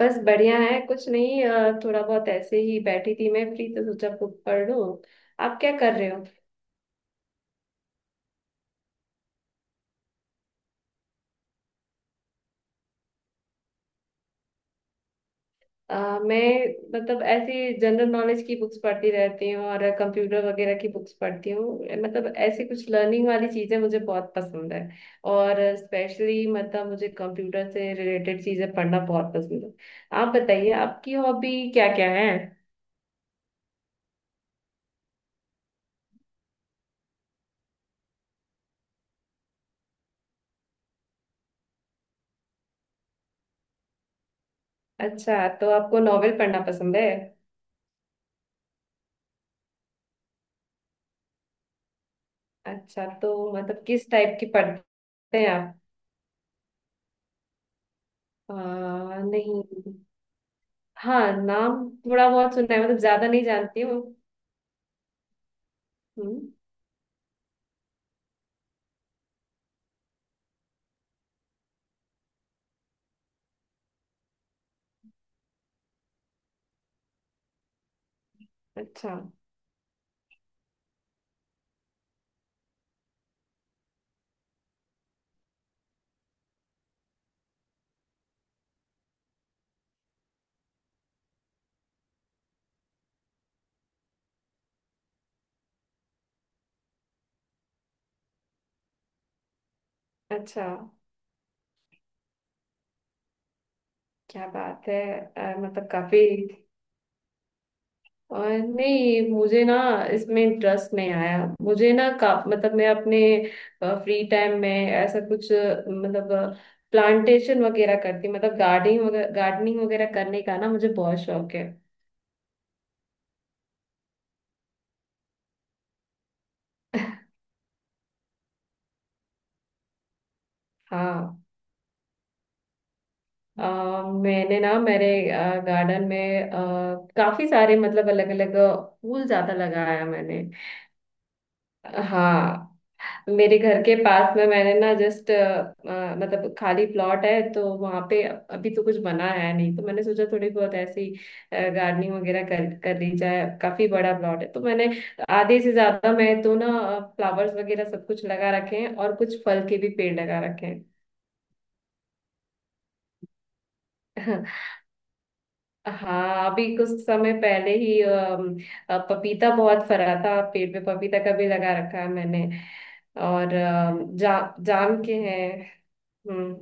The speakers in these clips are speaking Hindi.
बस बढ़िया है। कुछ नहीं, थोड़ा बहुत ऐसे ही बैठी थी। मैं फ्री तो सोचा बुक पढ़ लूं। आप क्या कर रहे हो? अ, मैं मतलब ऐसी जनरल नॉलेज की बुक्स पढ़ती रहती हूँ और कंप्यूटर वगैरह की बुक्स पढ़ती हूँ। मतलब ऐसी कुछ लर्निंग वाली चीजें मुझे बहुत पसंद है। और स्पेशली मतलब मुझे कंप्यूटर से रिलेटेड चीजें पढ़ना बहुत पसंद है। आप बताइए आपकी हॉबी क्या क्या है? अच्छा, तो आपको नॉवेल पढ़ना पसंद है। अच्छा, तो मतलब किस टाइप की पढ़ते हैं आप? आ, नहीं। हाँ, नाम थोड़ा बहुत सुना है, मतलब ज्यादा नहीं जानती हूँ। हम्म। अच्छा। अच्छा। क्या बात है। मतलब काफी। और नहीं, मुझे ना इसमें इंटरेस्ट नहीं आया। मुझे ना का मतलब, मैं अपने फ्री टाइम में ऐसा कुछ, मतलब प्लांटेशन वगैरह करती, मतलब गार्डनिंग वगैरह, गार्डनिंग वगैरह करने का ना मुझे बहुत शौक है। हाँ। अ मैंने ना मेरे गार्डन में, काफी सारे, मतलब अलग अलग फूल ज्यादा लगाया मैंने। हाँ, मेरे घर के पास में मैंने ना जस्ट, मतलब खाली प्लॉट है, तो वहां पे अभी तो कुछ बना है नहीं, तो मैंने सोचा थोड़ी बहुत ऐसी गार्डनिंग वगैरह कर कर ली जाए। काफी बड़ा प्लॉट है, तो मैंने आधे से ज्यादा मैं तो ना फ्लावर्स वगैरह सब कुछ लगा रखे हैं और कुछ फल के भी पेड़ लगा रखे हैं। हाँ, अभी कुछ समय पहले ही पपीता बहुत फरा था पेड़ पे। पपीता का भी लगा रखा है मैंने। और जाम के हैं। हम्म।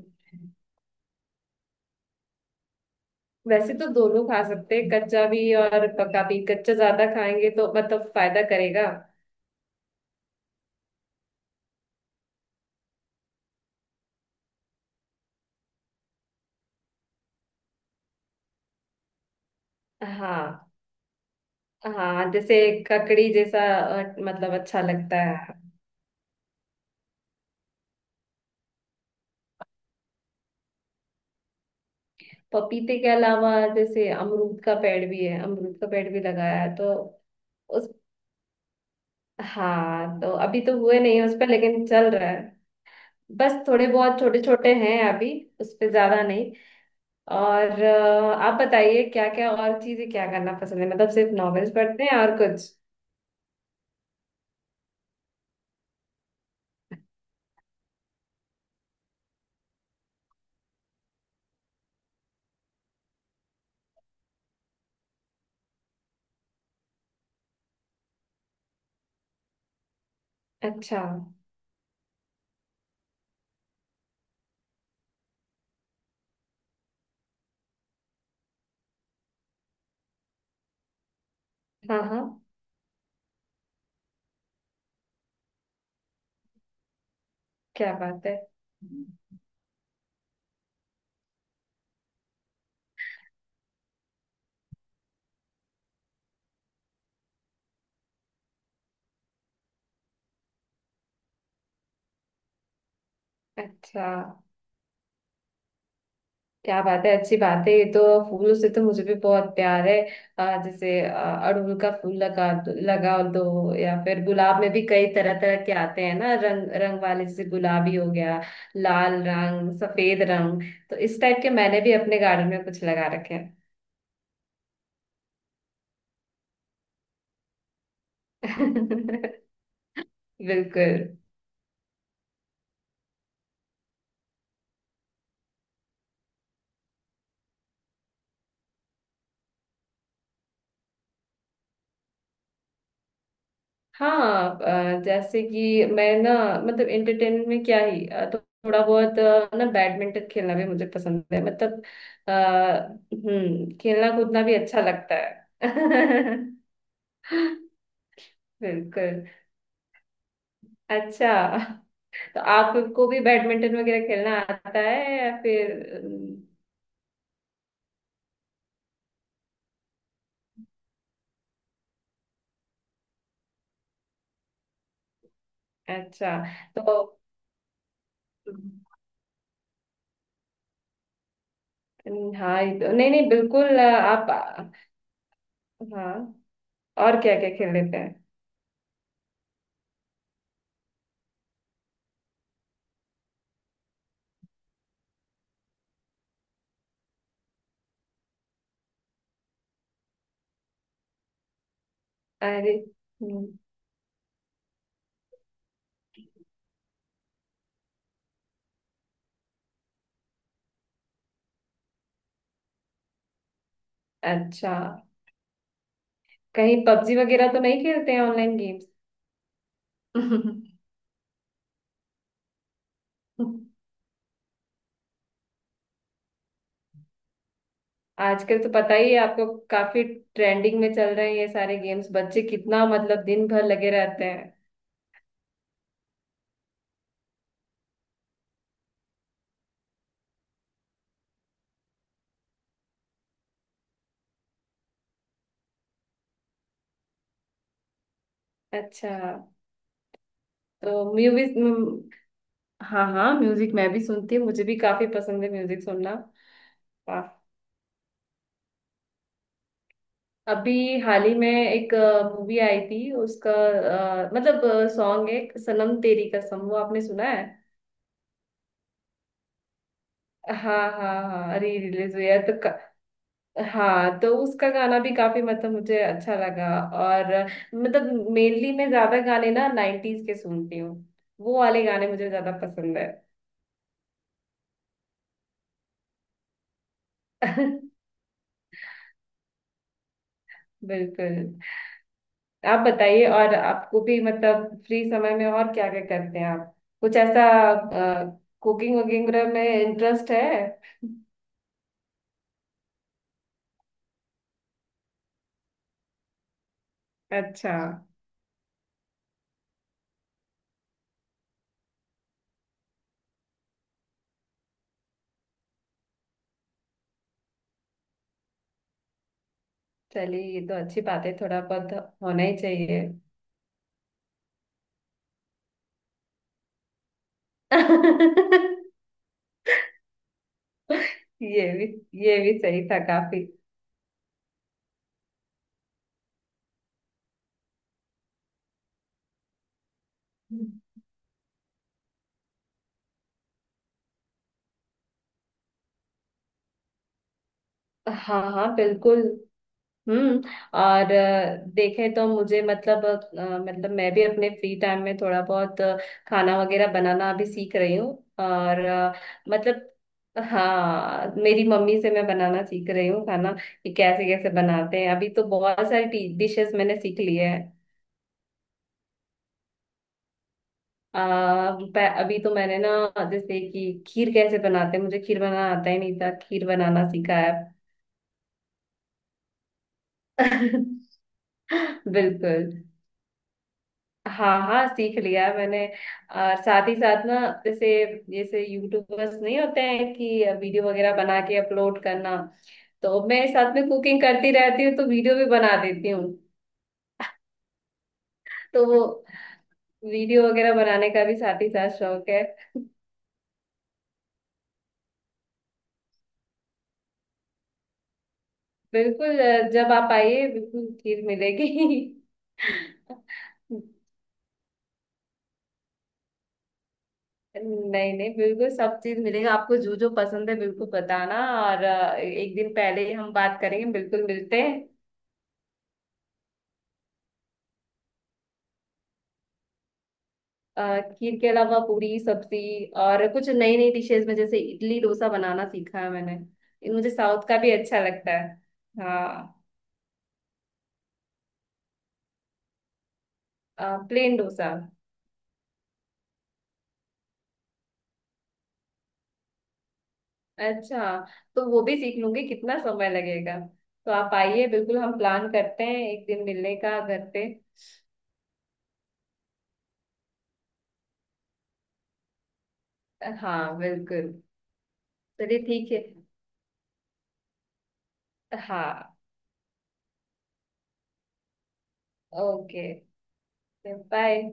वैसे तो दोनों खा सकते हैं, कच्चा भी और पका भी। कच्चा ज्यादा खाएंगे तो मतलब फायदा करेगा। हाँ हाँ, जैसे ककड़ी जैसा, मतलब अच्छा लगता है। पपीते के अलावा जैसे अमरूद का पेड़ भी है। अमरूद का पेड़ भी लगाया है तो। हाँ, तो अभी तो हुए नहीं हैं उस पर, लेकिन चल रहा है। बस थोड़े बहुत छोटे छोटे हैं अभी, उस पे ज्यादा नहीं। और आप बताइए, क्या क्या और चीजें क्या करना पसंद है? मतलब सिर्फ नॉवेल्स पढ़ते हैं और कुछ? अच्छा। हाँ हाँ। क्या बात है। अच्छा, क्या बात है, अच्छी बात है ये तो। फूलों से तो मुझे भी बहुत प्यार है। जैसे अड़हुल का फूल लगा लगा दो, या फिर गुलाब में भी कई तरह तरह के आते हैं ना, रंग रंग वाले, जैसे गुलाबी हो गया, लाल रंग, सफेद रंग। तो इस टाइप के मैंने भी अपने गार्डन में कुछ लगा रखे हैं। बिल्कुल। हाँ, जैसे कि मैं ना, मतलब एंटरटेनमेंट में क्या ही, तो थोड़ा बहुत ना बैडमिंटन खेलना भी मुझे पसंद है, मतलब। आ, हम्म, खेलना कूदना भी अच्छा लगता है। बिल्कुल। अच्छा, तो आपको भी बैडमिंटन वगैरह खेलना आता है या फिर? अम, अच्छा, तो अम, हाँ, नहीं नहीं, बिल्कुल, आप। हाँ, और क्या क्या खेल लेते हैं? अरे। हम्म। अच्छा, कहीं पबजी वगैरह तो नहीं खेलते हैं ऑनलाइन गेम्स? आजकल तो पता ही है आपको, काफी ट्रेंडिंग में चल रहे हैं ये सारे गेम्स। बच्चे कितना मतलब दिन भर लगे रहते हैं। अच्छा, तो मूवीज। हाँ हाँ, म्यूजिक मैं भी सुनती हूँ। मुझे भी काफी पसंद है म्यूजिक सुनना। वाह, अभी हाल ही में एक मूवी आई थी, उसका मतलब सॉन्ग है, सनम तेरी कसम, वो आपने सुना है? हाँ हाँ हाँ, री रिलीज हुई है तो। हाँ, तो उसका गाना भी काफी, मतलब मुझे अच्छा लगा। और मतलब मेनली मैं ज्यादा गाने ना नाइन्टीज के सुनती हूँ। वो वाले गाने मुझे ज्यादा पसंद है। बिल्कुल। आप बताइए, और आपको भी मतलब फ्री समय में और क्या क्या करते हैं आप? कुछ ऐसा कुकिंग वगैरह में इंटरेस्ट है? अच्छा। चलिए, ये तो अच्छी बात है। थोड़ा बहुत होना ही चाहिए। ये भी, ये भी सही था काफी। हाँ हाँ बिल्कुल। हम्म। और देखें तो मुझे मतलब, मतलब मैं भी अपने फ्री टाइम में थोड़ा बहुत, खाना वगैरह बनाना अभी सीख रही हूँ। और मतलब, हाँ, मेरी मम्मी से मैं बनाना सीख रही हूँ खाना, कि कैसे कैसे बनाते हैं। अभी तो बहुत सारी डिशेस मैंने सीख ली है। अ, अभी तो मैंने ना, जैसे कि खीर कैसे बनाते हैं, मुझे खीर बनाना आता ही नहीं था, खीर बनाना सीखा है। बिल्कुल। हाँ हाँ, सीख लिया है मैंने। और साथ ही साथ ना, जैसे जैसे यूट्यूबर्स नहीं होते हैं कि वीडियो वगैरह बना के अपलोड करना, तो मैं साथ में कुकिंग करती रहती हूँ तो वीडियो भी बना देती हूँ। तो वो वीडियो वगैरह बनाने का भी साथ ही साथ शौक है। बिल्कुल, जब आप आइए बिल्कुल खीर मिलेगी। नहीं नहीं, बिल्कुल सब चीज मिलेगा आपको। जो जो पसंद है बिल्कुल बताना। और एक दिन पहले ही हम बात करेंगे, बिल्कुल मिलते हैं। खीर के अलावा पूरी सब्जी, और कुछ नई नई डिशेस में जैसे इडली डोसा बनाना सीखा है मैंने। ये मुझे साउथ का भी अच्छा लगता है। हाँ, प्लेन डोसा। अच्छा, तो वो भी सीख लूंगी, कितना समय लगेगा। तो आप आइए, बिल्कुल हम प्लान करते हैं, एक दिन मिलने का घर पे। हाँ बिल्कुल। चलिए ठीक है। हाँ। ओके। बाय।